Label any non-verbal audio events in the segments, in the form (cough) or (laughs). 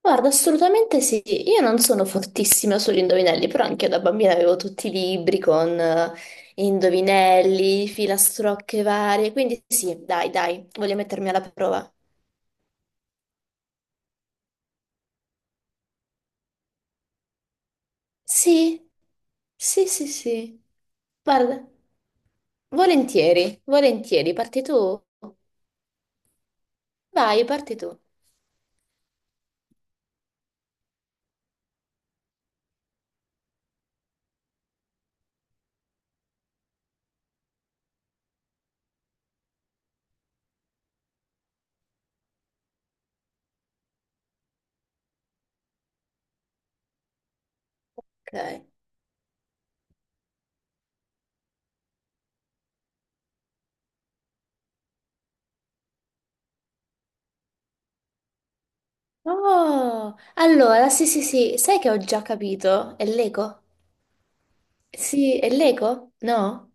Guarda, assolutamente sì. Io non sono fortissima sugli indovinelli, però anche io da bambina avevo tutti i libri con indovinelli, filastrocche varie, quindi sì, dai, dai, voglio mettermi alla prova. Sì, sì, sì, sì. Guarda, volentieri, volentieri, parti tu. Vai, parti tu. Ok. Oh, allora, sì, sì, sì, sai che ho già capito? È l'eco? Sì, è l'eco? No?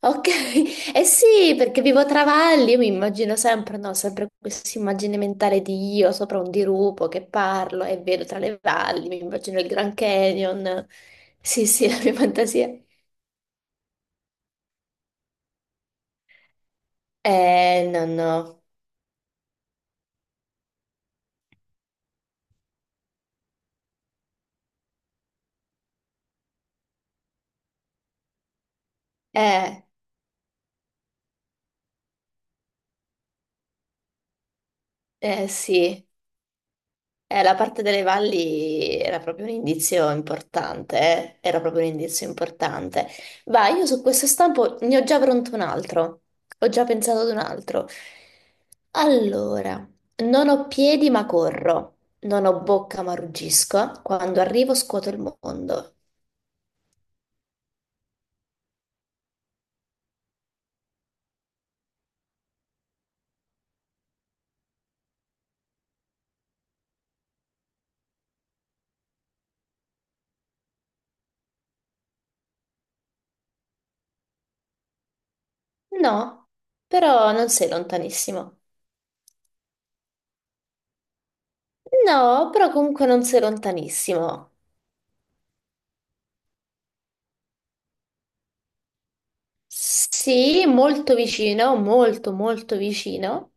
Ok, (laughs) eh sì, perché vivo tra valli, io mi immagino sempre, no, sempre questa immagine mentale di io sopra un dirupo che parlo e vedo tra le valli, mi immagino il Grand Canyon. Sì, sì, (laughs) la mia fantasia. No, no. Eh, eh sì. La parte delle valli era proprio un indizio importante, eh? Era proprio un indizio importante. Vai, io su questo stampo ne ho già pronto un altro, ho già pensato ad un altro. Allora, non ho piedi ma corro, non ho bocca ma ruggisco, quando arrivo scuoto il mondo. No, però non sei lontanissimo. No, però comunque non sei lontanissimo. Sì, molto vicino, molto molto vicino.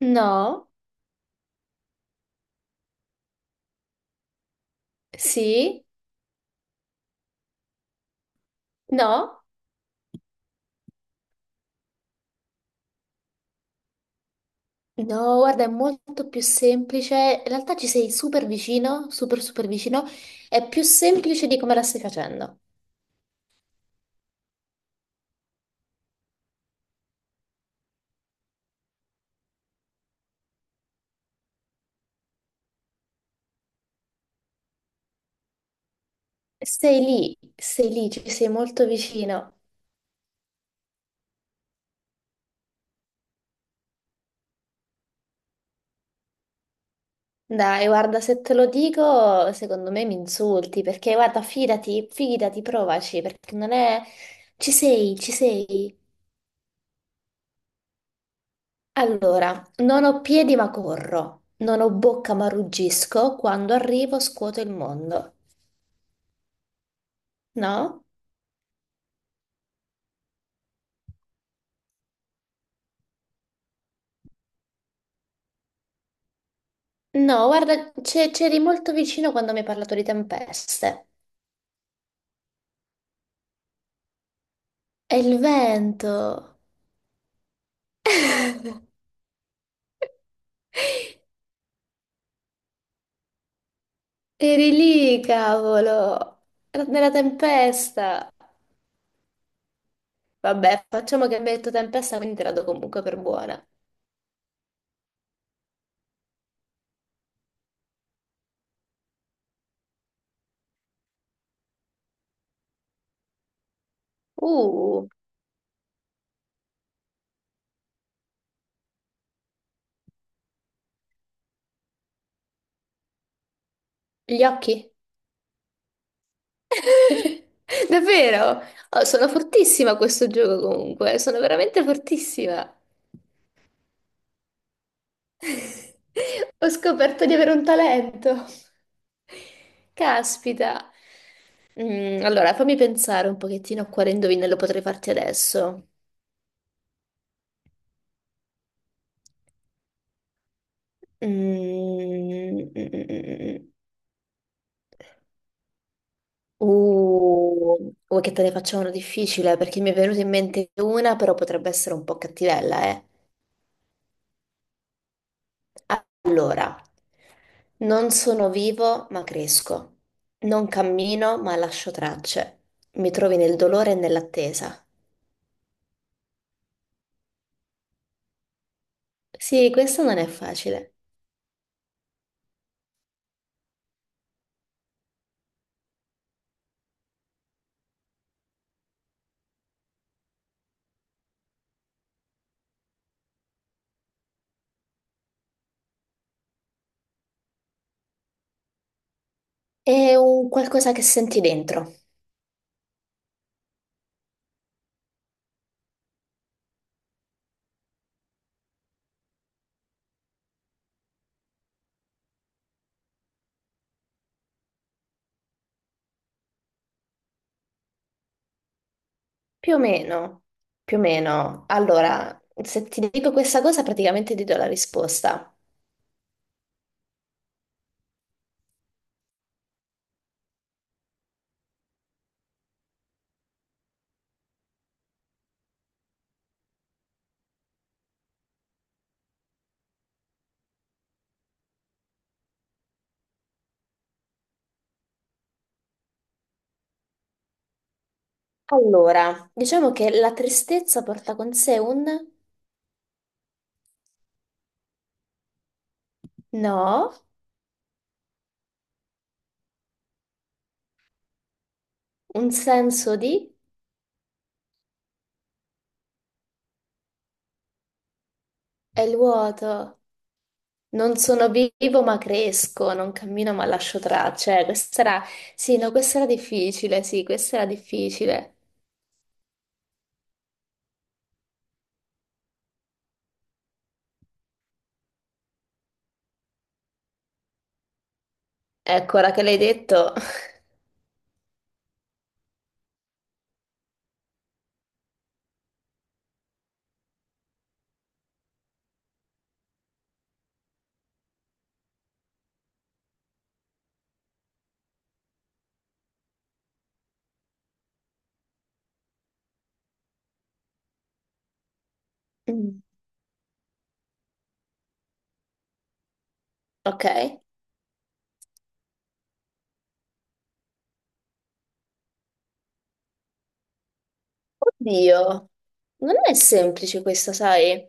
No. Sì? No? No, guarda, è molto più semplice. In realtà ci sei super vicino, super super vicino. È più semplice di come la stai facendo. Sei lì, ci sei molto vicino. Dai, guarda, se te lo dico, secondo me mi insulti, perché guarda, fidati, fidati, provaci, perché non è... Ci sei, ci sei. Allora, non ho piedi ma corro, non ho bocca ma ruggisco, quando arrivo scuoto il mondo, no? No, guarda, c'eri molto vicino quando mi hai parlato di tempeste. È il vento. Eri lì, cavolo. Era nella tempesta. Vabbè, facciamo che mi hai detto tempesta, quindi te la do comunque per buona. Uh, gli occhi. (laughs) Davvero? Oh, sono fortissima a questo gioco comunque. Sono veramente fortissima. (laughs) Ho scoperto di avere un talento. Caspita. Mm, allora, fammi pensare un pochettino a quale indovinello potrei farti adesso. Mm, mm, mm, mm. mm, mm. Vuoi che te ne faccia una difficile? Perché mi è venuta in mente una, però potrebbe essere un po' cattivella, eh. Allora, non sono vivo, ma cresco. Non cammino, ma lascio tracce. Mi trovi nel dolore e nell'attesa. Sì, questo non è facile. È un qualcosa che senti dentro. Più o meno, più o meno. Allora, se ti dico questa cosa, praticamente ti do la risposta. Allora, diciamo che la tristezza porta con sé un no, un senso di è il vuoto. Non sono vivo ma cresco, non cammino ma lascio tracce. Questa era, sì, no, questa era difficile, sì, questa era difficile. Ecco, ora che l'hai detto. (laughs) Mm, ok. Oddio, non è semplice questa, sai?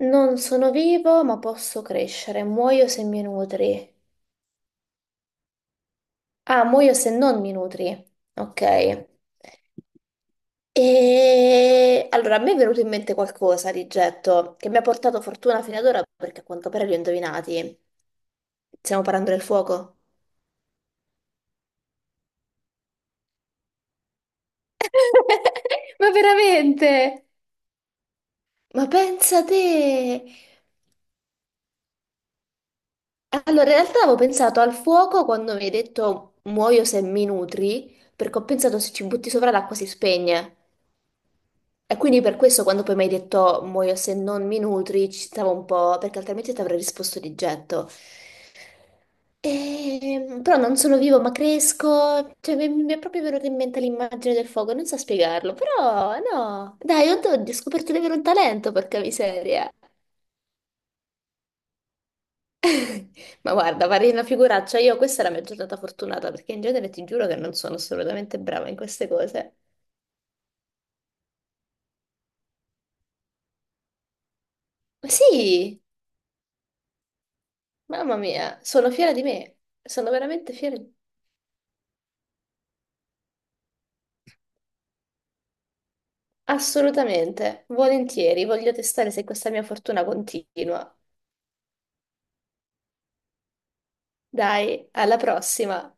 Non sono vivo, ma posso crescere. Muoio se mi nutri. Ah, muoio se non mi nutri. Ok. E allora a me è venuto in mente qualcosa di getto che mi ha portato fortuna fino ad ora perché a quanto pare li ho indovinati. Stiamo parlando del fuoco. (laughs) Ma veramente? Ma pensa te! Allora, in realtà avevo pensato al fuoco quando mi hai detto muoio se mi nutri, perché ho pensato se ci butti sopra l'acqua si spegne. E quindi per questo quando poi mi hai detto muoio se non mi nutri, ci stavo un po', perché altrimenti ti avrei risposto di getto. Però non sono vivo ma cresco, cioè mi è proprio venuta in mente l'immagine del fuoco, non so spiegarlo, però no, dai, oddio, ho scoperto di avere un talento, porca miseria. (laughs) Ma guarda, farei una figuraccia, io questa è la mia giornata fortunata, perché in genere ti giuro che non sono assolutamente brava in queste cose. Ma sì, mamma mia, sono fiera di me, sono veramente fiera. Assolutamente, volentieri, voglio testare se questa mia fortuna continua. Dai, alla prossima!